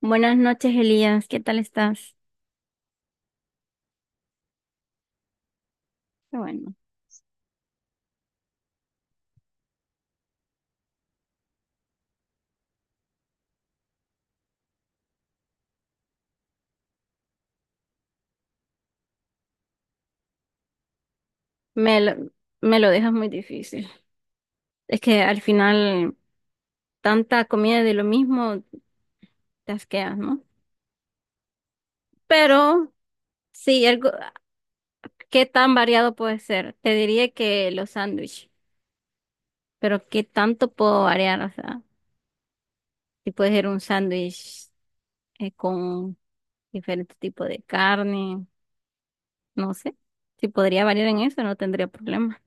Buenas noches, Elías. ¿Qué tal estás? Qué bueno. me lo, Me lo dejas muy difícil. Es que al final tanta comida de lo mismo te asqueas, ¿no? Pero sí, algo, ¿qué tan variado puede ser? Te diría que los sándwiches, pero ¿qué tanto puedo variar? O sea, si puede ser un sándwich con diferente tipo de carne, no sé. Si podría variar en eso, no tendría problema.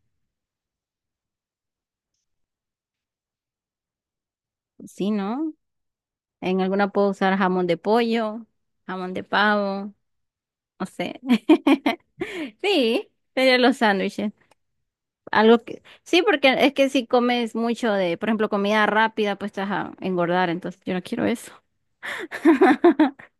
Sí, ¿no? En alguna puedo usar jamón de pollo, jamón de pavo, no sé. Sí, serían los sándwiches. Algo que, sí, porque es que si comes mucho de, por ejemplo, comida rápida, pues te vas a engordar, entonces yo no quiero eso.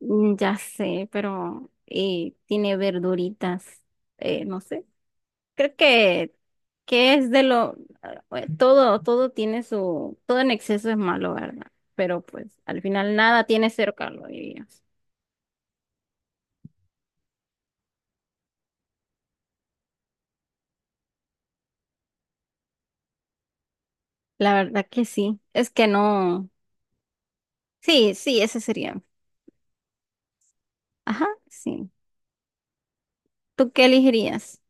Mm, ya sé, pero tiene verduritas, no sé. Creo que es de lo, todo tiene su, todo en exceso es malo, ¿verdad? Pero pues al final nada tiene cero calorías. La verdad que sí. Es que no. Sí, sí, ese sería. Ajá, sí. ¿Tú qué elegirías?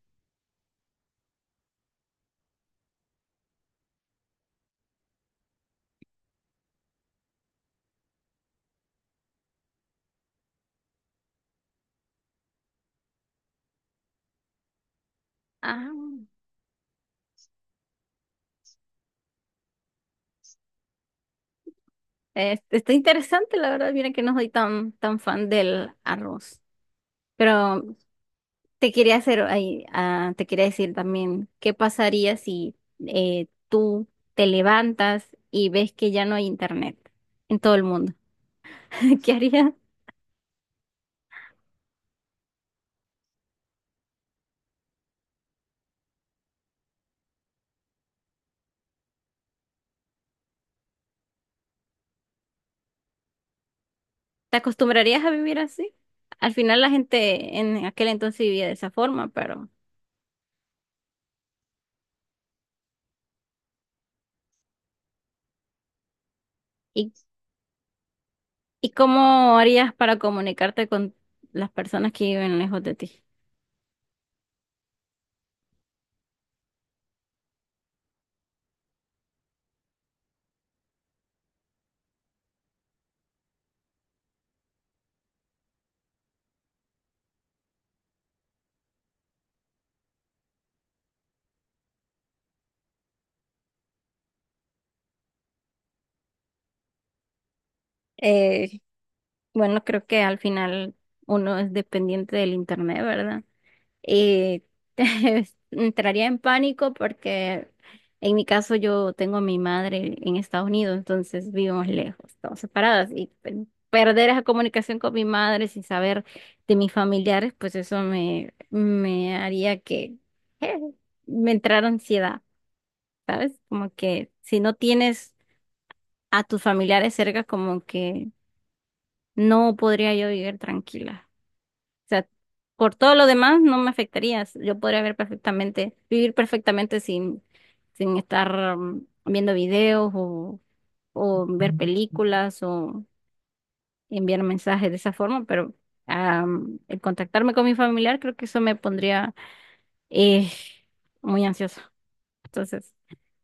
Ah, está interesante, la verdad. Mira que no soy tan, tan fan del arroz. Pero te quería hacer ahí, ah, te quería decir también, ¿qué pasaría si tú te levantas y ves que ya no hay internet en todo el mundo? ¿Qué harías? ¿Te acostumbrarías a vivir así? Al final la gente en aquel entonces vivía de esa forma, pero... ¿Y ¿Y cómo harías para comunicarte con las personas que viven lejos de ti? Eh, bueno, creo que al final uno es dependiente del internet, ¿verdad? Y entraría en pánico porque en mi caso yo tengo a mi madre en Estados Unidos, entonces vivimos lejos, estamos separadas y perder esa comunicación con mi madre sin saber de mis familiares, pues eso me, me haría que eh, me entrara ansiedad. ¿Sabes? Como que si no tienes a tus familiares cerca, como que no podría yo vivir tranquila. O sea, por todo lo demás no me afectaría. Yo podría ver perfectamente, vivir perfectamente sin, sin estar viendo videos o ver películas o enviar mensajes de esa forma, pero el contactarme con mi familiar creo que eso me pondría eh, muy ansiosa. Entonces,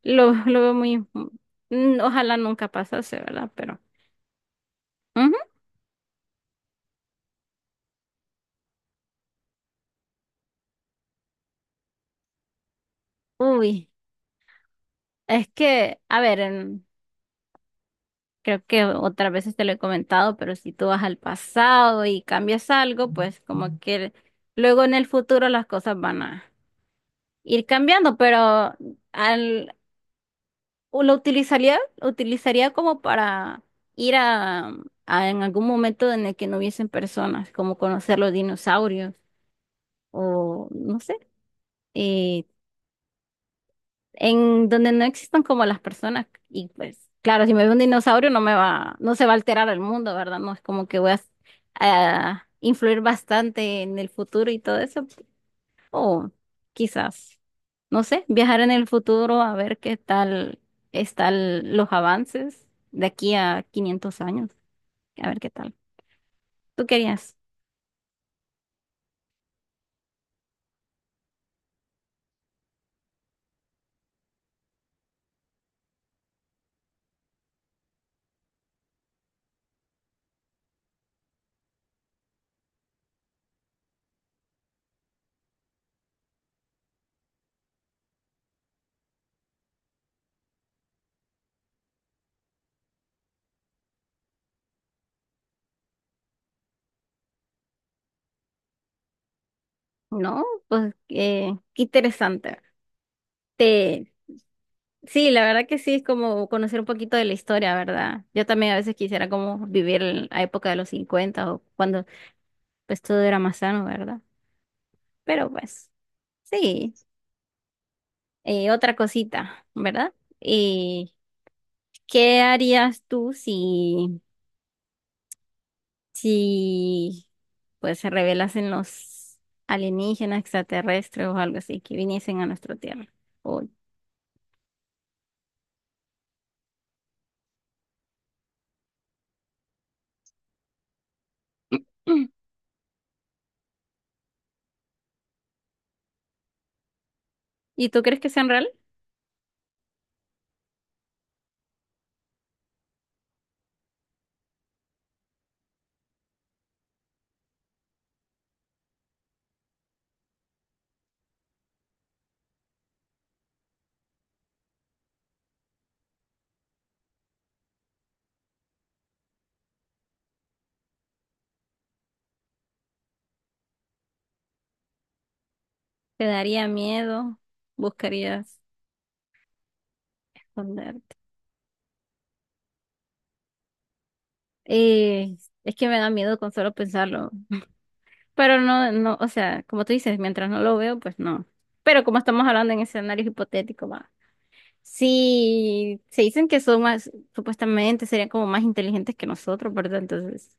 lo veo muy, mm, ojalá nunca pasase, ¿verdad? Pero, ujú. Uy, es que, a ver, creo que otras veces te lo he comentado, pero si tú vas al pasado y cambias algo, pues como que luego en el futuro las cosas van a ir cambiando, pero al, o lo utilizaría como para ir a en algún momento en el que no hubiesen personas, como conocer los dinosaurios o no sé. eh, en donde no existan como las personas. Y pues, claro, si me ve un dinosaurio no me va, no se va a alterar el mundo, ¿verdad? No es como que voy a influir bastante en el futuro y todo eso. O quizás, no sé, viajar en el futuro a ver qué tal están los avances de aquí a 500 años. A ver qué tal. ¿Tú querías? No, pues qué interesante. Te, Sí, la verdad que sí, es como conocer un poquito de la historia, ¿verdad? Yo también a veces quisiera como vivir en la época de los cincuenta o cuando pues todo era más sano, ¿verdad? Pero pues sí. Otra cosita, ¿verdad? Eh, ¿Qué harías tú si, si pues se revelasen los alienígenas extraterrestres o algo así que viniesen a nuestra Tierra? O- ¿Y tú crees que sean real? ¿Te daría miedo? ¿Buscarías esconder? Eh, es que me da miedo con solo pensarlo. Pero no, no, o sea, como tú dices, mientras no lo veo, pues no. Pero como estamos hablando en escenarios hipotéticos, va. Sí, se dicen que son más, supuestamente serían como más inteligentes que nosotros, ¿verdad? Entonces,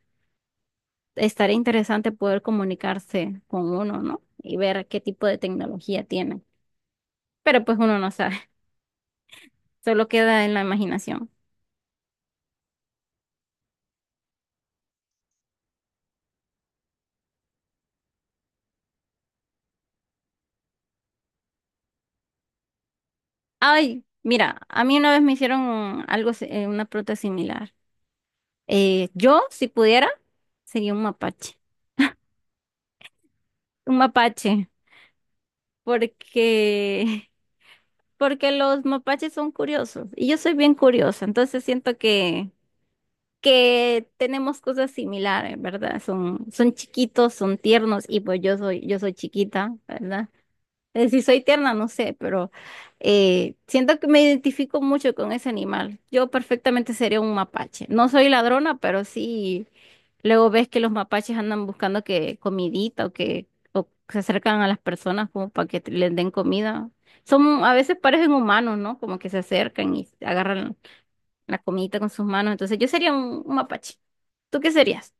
estaría interesante poder comunicarse con uno, ¿no? Y ver qué tipo de tecnología tienen. Pero pues uno no sabe, solo queda en la imaginación. Ay, mira, a mí una vez me hicieron algo, una pregunta similar. Yo, si pudiera, sería un mapache. Un mapache, porque, porque los mapaches son curiosos y yo soy bien curiosa, entonces siento que tenemos cosas similares, ¿verdad? Son, son chiquitos, son tiernos y pues yo soy chiquita, ¿verdad? Si soy tierna, no sé, pero siento que me identifico mucho con ese animal. Yo perfectamente sería un mapache. No soy ladrona, pero sí, luego ves que los mapaches andan buscando que comidita o que o se acercan a las personas como para que les den comida. Son, a veces parecen humanos, ¿no? Como que se acercan y agarran la comidita con sus manos. Entonces yo sería un mapache. ¿Tú qué serías?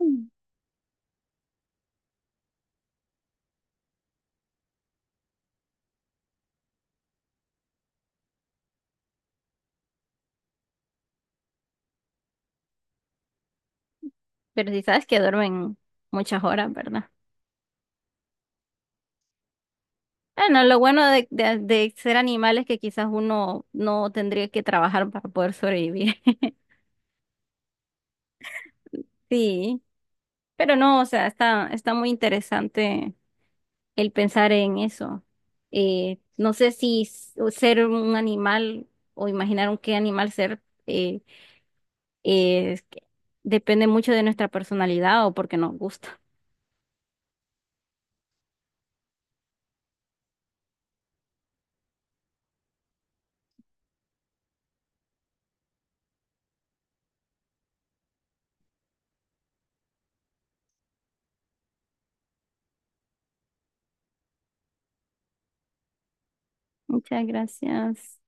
Mm. Pero si sabes que duermen muchas horas, ¿verdad? Bueno, lo bueno de, de ser animales que quizás uno no tendría que trabajar para poder sobrevivir. Sí, pero no, o sea, está, está muy interesante el pensar en eso. No sé si s- o ser un animal o imaginar un qué animal ser es que depende mucho de nuestra personalidad o porque nos gusta. Muchas gracias.